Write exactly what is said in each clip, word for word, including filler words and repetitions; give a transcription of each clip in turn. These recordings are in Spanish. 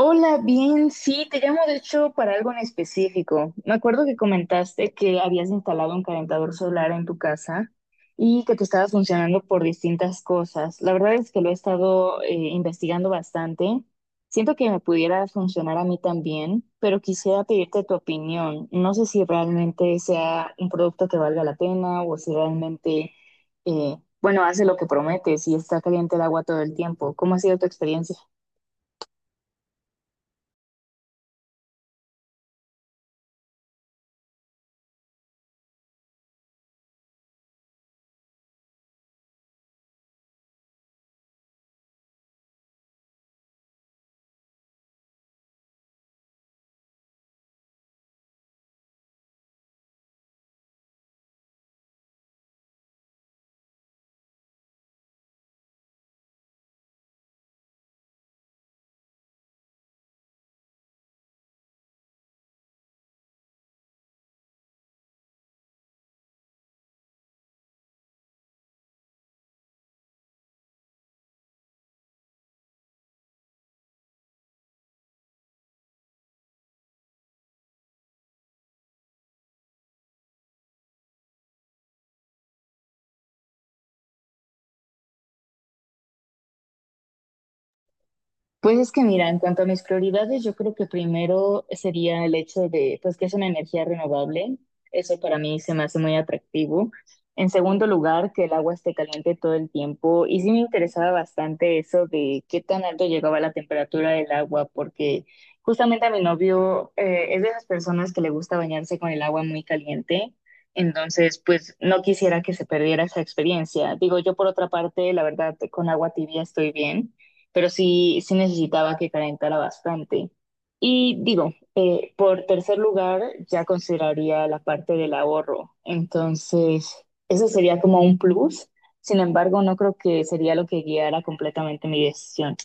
Hola, bien, sí, te llamo de hecho para algo en específico. Me acuerdo que comentaste que habías instalado un calentador solar en tu casa y que te estaba funcionando por distintas cosas. La verdad es que lo he estado eh, investigando bastante. Siento que me pudiera funcionar a mí también, pero quisiera pedirte tu opinión. No sé si realmente sea un producto que valga la pena o si realmente, eh, bueno, hace lo que promete, si está caliente el agua todo el tiempo. ¿Cómo ha sido tu experiencia? Pues es que mira, en cuanto a mis prioridades, yo creo que primero sería el hecho de, pues que es una energía renovable, eso para mí se me hace muy atractivo. En segundo lugar, que el agua esté caliente todo el tiempo y sí me interesaba bastante eso de qué tan alto llegaba la temperatura del agua, porque justamente a mi novio eh, es de esas personas que le gusta bañarse con el agua muy caliente. Entonces, pues no quisiera que se perdiera esa experiencia. Digo, yo por otra parte, la verdad, con agua tibia estoy bien, pero sí, sí necesitaba que calentara bastante. Y digo, eh, por tercer lugar, ya consideraría la parte del ahorro. Entonces, eso sería como un plus. Sin embargo, no creo que sería lo que guiara completamente mi decisión.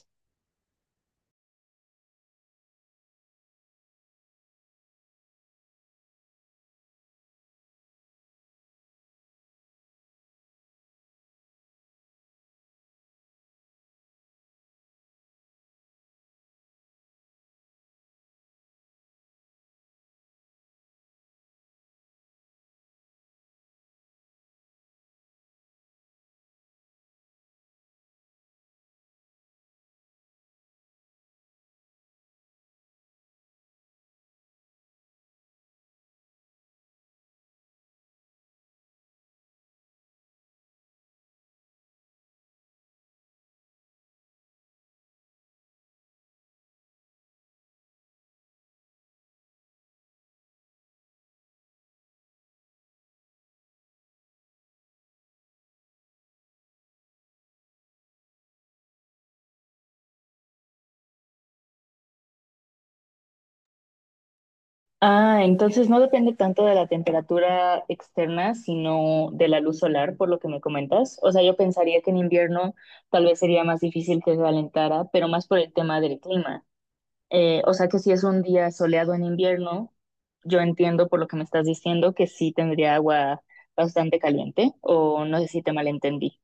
Ah, entonces no depende tanto de la temperatura externa, sino de la luz solar, por lo que me comentas. O sea, yo pensaría que en invierno tal vez sería más difícil que se calentara, pero más por el tema del clima. Eh, o sea que si es un día soleado en invierno, yo entiendo por lo que me estás diciendo que sí tendría agua bastante caliente, o no sé si te malentendí.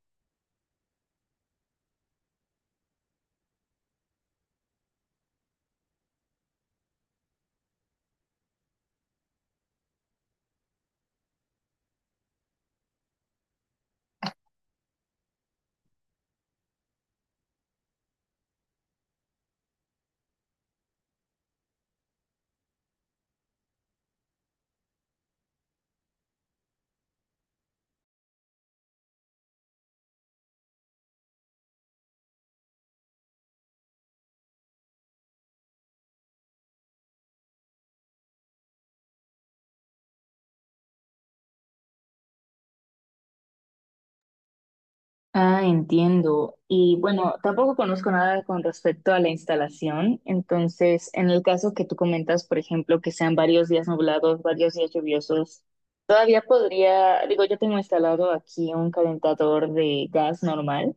Ah, entiendo. Y bueno, tampoco conozco nada con respecto a la instalación. Entonces, en el caso que tú comentas, por ejemplo, que sean varios días nublados, varios días lluviosos, todavía podría, digo, yo tengo instalado aquí un calentador de gas normal.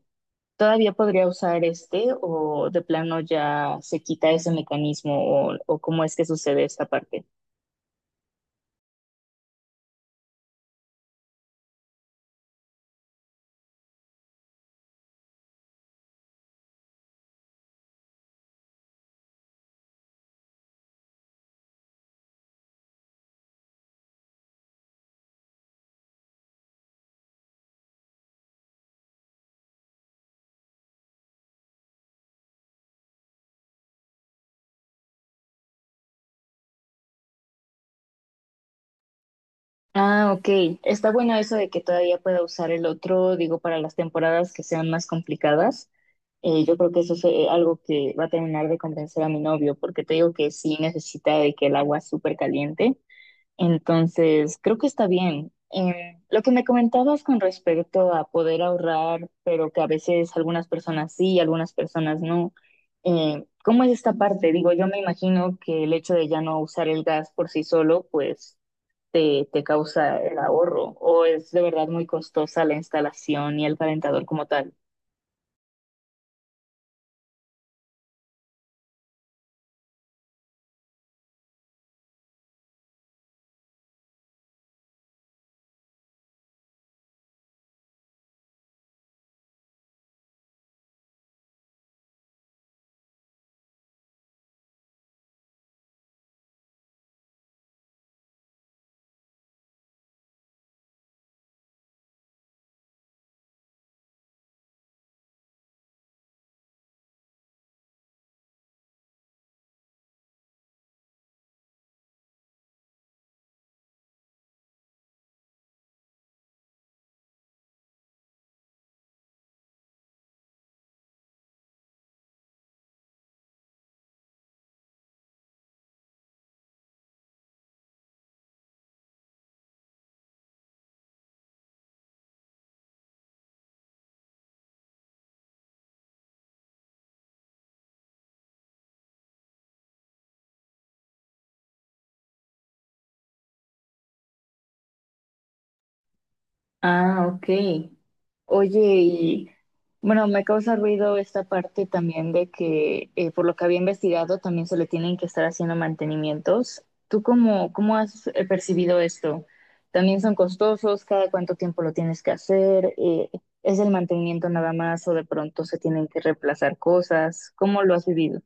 ¿Todavía podría usar este o de plano ya se quita ese mecanismo o, o cómo es que sucede esta parte? Ah, ok. Está bueno eso de que todavía pueda usar el otro, digo, para las temporadas que sean más complicadas. Eh, yo creo que eso es eh, algo que va a terminar de convencer a mi novio, porque te digo que sí necesita de que el agua es súper caliente. Entonces, creo que está bien. Eh, lo que me comentabas con respecto a poder ahorrar, pero que a veces algunas personas sí, algunas personas no. Eh, ¿cómo es esta parte? Digo, yo me imagino que el hecho de ya no usar el gas por sí solo, pues te, te causa el ahorro, o es de verdad muy costosa la instalación y el calentador como tal. Ah, ok. Oye, y bueno, me causa ruido esta parte también de que, eh, por lo que había investigado, también se le tienen que estar haciendo mantenimientos. ¿Tú cómo, cómo has eh, percibido esto? ¿También son costosos? ¿Cada cuánto tiempo lo tienes que hacer? Eh, ¿es el mantenimiento nada más o de pronto se tienen que reemplazar cosas? ¿Cómo lo has vivido?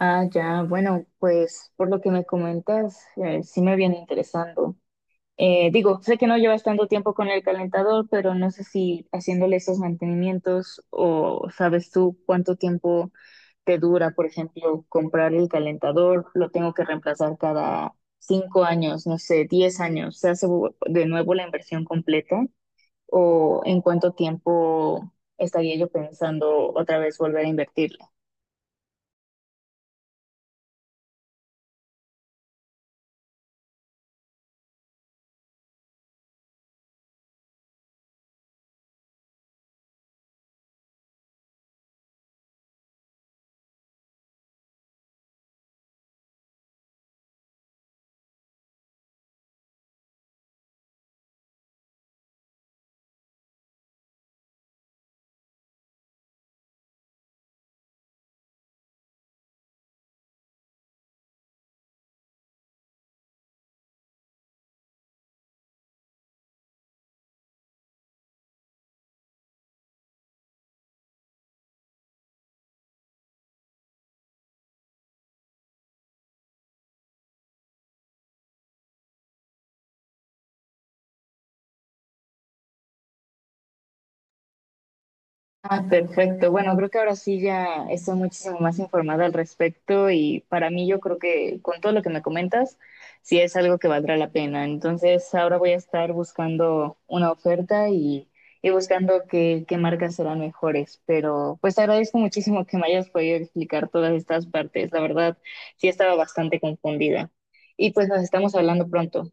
Ah, ya, bueno, pues por lo que me comentas, eh, sí me viene interesando. Eh, digo, sé que no llevas tanto tiempo con el calentador, pero no sé si haciéndole esos mantenimientos o sabes tú cuánto tiempo te dura, por ejemplo, comprar el calentador, lo tengo que reemplazar cada cinco años, no sé, diez años, se hace vu- de nuevo la inversión completa o en cuánto tiempo estaría yo pensando otra vez volver a invertir. Ah, perfecto. Bueno, creo que ahora sí ya estoy muchísimo más informada al respecto y para mí yo creo que con todo lo que me comentas, sí es algo que valdrá la pena. Entonces ahora voy a estar buscando una oferta y, y buscando qué, qué marcas serán mejores. Pero pues te agradezco muchísimo que me hayas podido explicar todas estas partes. La verdad, sí estaba bastante confundida. Y pues nos estamos hablando pronto.